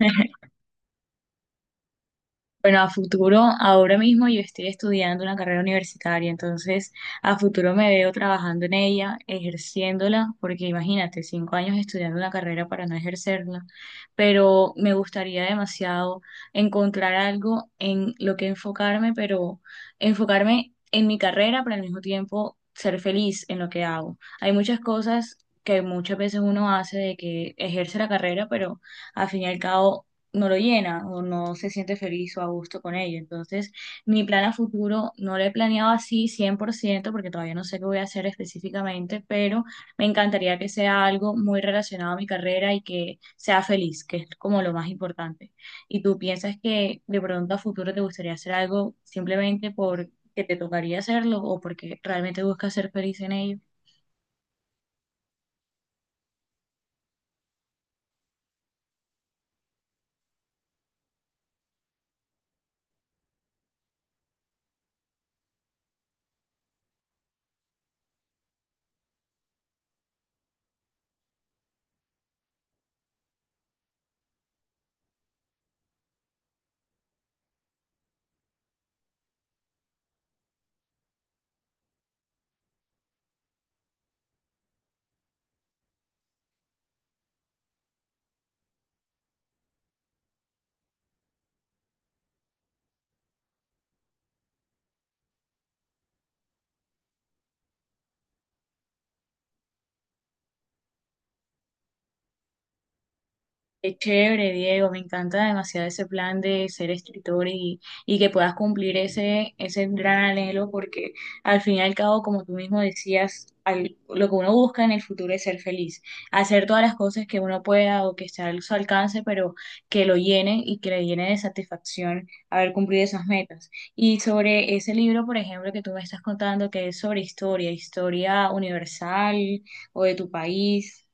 Bueno, a futuro, ahora mismo yo estoy estudiando una carrera universitaria, entonces a futuro me veo trabajando en ella, ejerciéndola, porque imagínate, 5 años estudiando una carrera para no ejercerla, pero me gustaría demasiado encontrar algo en lo que enfocarme, pero enfocarme en mi carrera, pero al mismo tiempo ser feliz en lo que hago. Hay muchas cosas que muchas veces uno hace de que ejerce la carrera, pero al fin y al cabo no lo llena o no se siente feliz o a gusto con ello. Entonces, mi plan a futuro no lo he planeado así 100% porque todavía no sé qué voy a hacer específicamente, pero me encantaría que sea algo muy relacionado a mi carrera y que sea feliz, que es como lo más importante. ¿Y tú piensas que de pronto a futuro te gustaría hacer algo simplemente porque te tocaría hacerlo o porque realmente buscas ser feliz en ello? Qué chévere, Diego, me encanta demasiado ese plan de ser escritor y que puedas cumplir ese gran anhelo, porque al fin y al cabo, como tú mismo decías, lo que uno busca en el futuro es ser feliz, hacer todas las cosas que uno pueda o que esté a su alcance, pero que lo llene y que le llene de satisfacción haber cumplido esas metas. Y sobre ese libro, por ejemplo, que tú me estás contando, que es sobre historia, ¿historia universal o de tu país?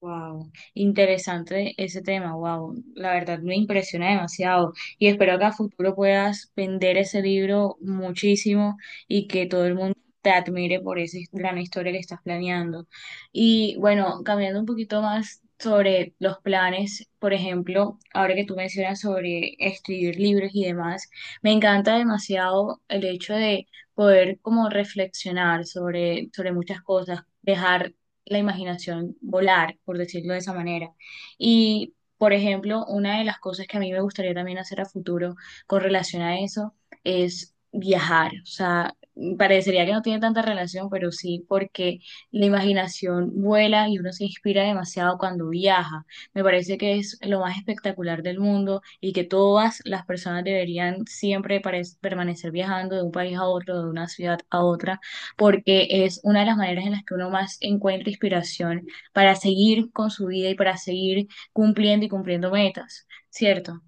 Wow, interesante ese tema, wow, la verdad me impresiona demasiado y espero que a futuro puedas vender ese libro muchísimo y que todo el mundo te admire por esa gran historia que estás planeando. Y bueno, cambiando un poquito más sobre los planes, por ejemplo, ahora que tú mencionas sobre escribir libros y demás, me encanta demasiado el hecho de poder como reflexionar sobre muchas cosas, dejar la imaginación volar, por decirlo de esa manera. Y, por ejemplo, una de las cosas que a mí me gustaría también hacer a futuro con relación a eso es viajar. O sea, parecería que no tiene tanta relación, pero sí, porque la imaginación vuela y uno se inspira demasiado cuando viaja. Me parece que es lo más espectacular del mundo y que todas las personas deberían siempre permanecer viajando de un país a otro, de una ciudad a otra porque es una de las maneras en las que uno más encuentra inspiración para seguir con su vida y para seguir cumpliendo y cumpliendo metas, ¿cierto?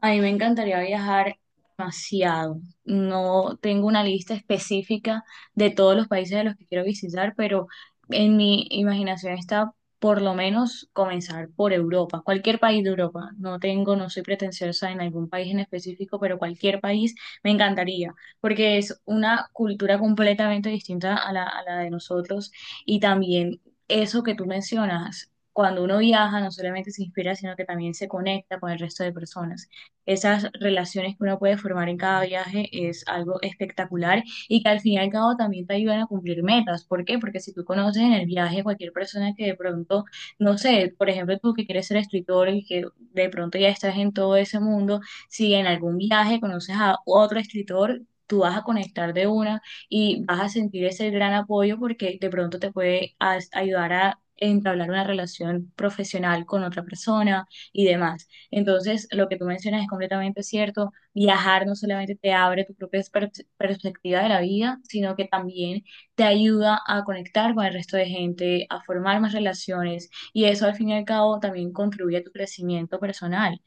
A mí me encantaría viajar demasiado. No tengo una lista específica de todos los países de los que quiero visitar, pero en mi imaginación está por lo menos comenzar por Europa, cualquier país de Europa. No tengo, no soy pretenciosa en algún país en específico, pero cualquier país me encantaría, porque es una cultura completamente distinta a la de nosotros y también eso que tú mencionas. Cuando uno viaja, no solamente se inspira, sino que también se conecta con el resto de personas. Esas relaciones que uno puede formar en cada viaje es algo espectacular y que al fin y al cabo también te ayudan a cumplir metas. ¿Por qué? Porque si tú conoces en el viaje cualquier persona que de pronto, no sé, por ejemplo, tú que quieres ser escritor y que de pronto ya estás en todo ese mundo, si en algún viaje conoces a otro escritor, tú vas a conectar de una y vas a sentir ese gran apoyo porque de pronto te puede ayudar a entablar una relación profesional con otra persona y demás. Entonces, lo que tú mencionas es completamente cierto. Viajar no solamente te abre tu propia perspectiva de la vida, sino que también te ayuda a conectar con el resto de gente, a formar más relaciones y eso al fin y al cabo también contribuye a tu crecimiento personal.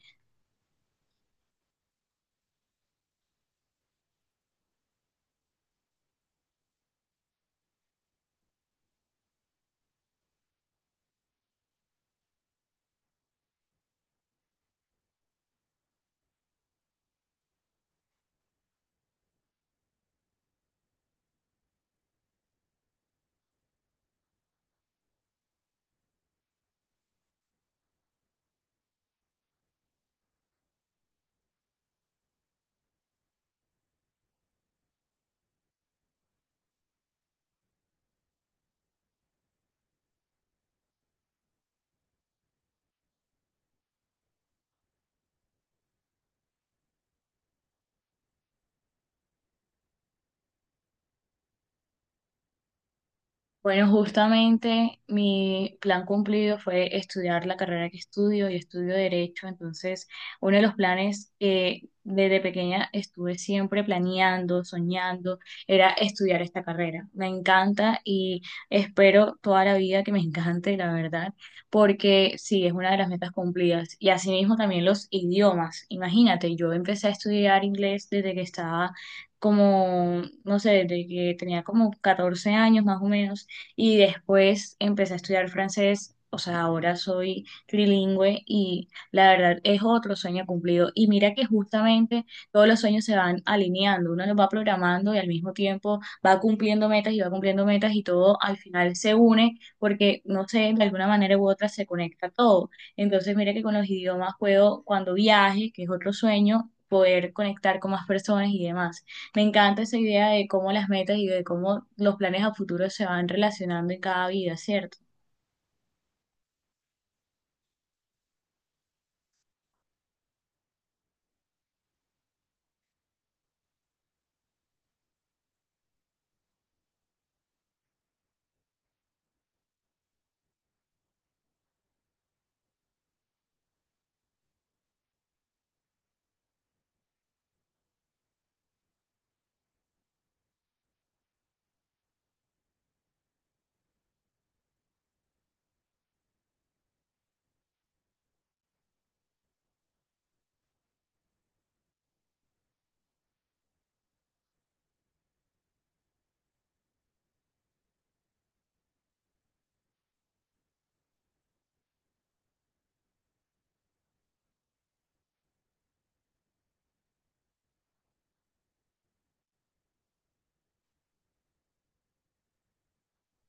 Bueno, justamente mi plan cumplido fue estudiar la carrera que estudio y estudio Derecho. Entonces, uno de los planes que desde pequeña estuve siempre planeando, soñando, era estudiar esta carrera. Me encanta y espero toda la vida que me encante, la verdad, porque sí, es una de las metas cumplidas. Y asimismo también los idiomas. Imagínate, yo empecé a estudiar inglés desde que estaba como, no sé, desde que tenía como 14 años más o menos y después empecé a estudiar francés, o sea, ahora soy trilingüe y la verdad es otro sueño cumplido. Y mira que justamente todos los sueños se van alineando, uno los va programando y al mismo tiempo va cumpliendo metas y va cumpliendo metas y todo al final se une porque, no sé, de alguna manera u otra se conecta todo. Entonces, mira que con los idiomas puedo, cuando viaje, que es otro sueño, poder conectar con más personas y demás. Me encanta esa idea de cómo las metas y de cómo los planes a futuro se van relacionando en cada vida, ¿cierto?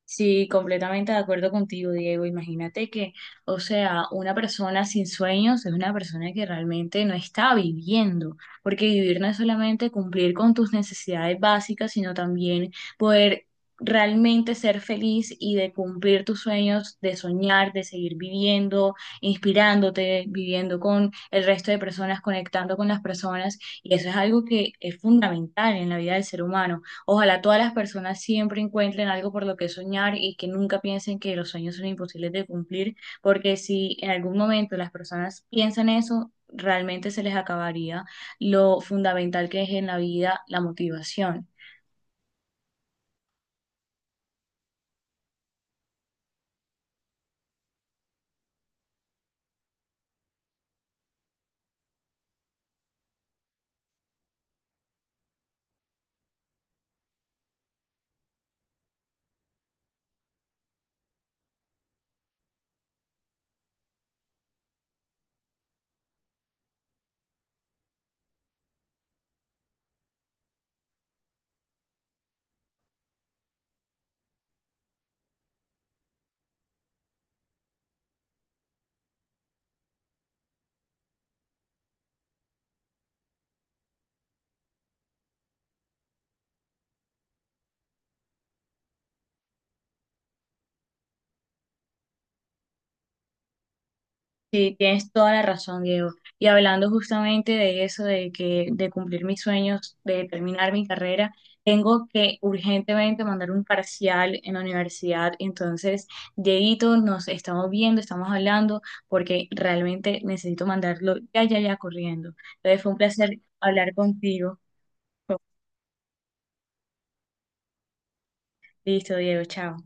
Sí, completamente de acuerdo contigo, Diego. Imagínate que, o sea, una persona sin sueños es una persona que realmente no está viviendo, porque vivir no es solamente cumplir con tus necesidades básicas, sino también poder realmente ser feliz y de cumplir tus sueños, de soñar, de seguir viviendo, inspirándote, viviendo con el resto de personas, conectando con las personas. Y eso es algo que es fundamental en la vida del ser humano. Ojalá todas las personas siempre encuentren algo por lo que soñar y que nunca piensen que los sueños son imposibles de cumplir, porque si en algún momento las personas piensan eso, realmente se les acabaría lo fundamental que es en la vida la motivación. Sí, tienes toda la razón, Diego. Y hablando justamente de eso, de que de cumplir mis sueños, de terminar mi carrera, tengo que urgentemente mandar un parcial en la universidad. Entonces, Dieguito, nos estamos viendo, estamos hablando, porque realmente necesito mandarlo ya, ya, ya corriendo. Entonces, fue un placer hablar contigo. Listo, Diego, chao.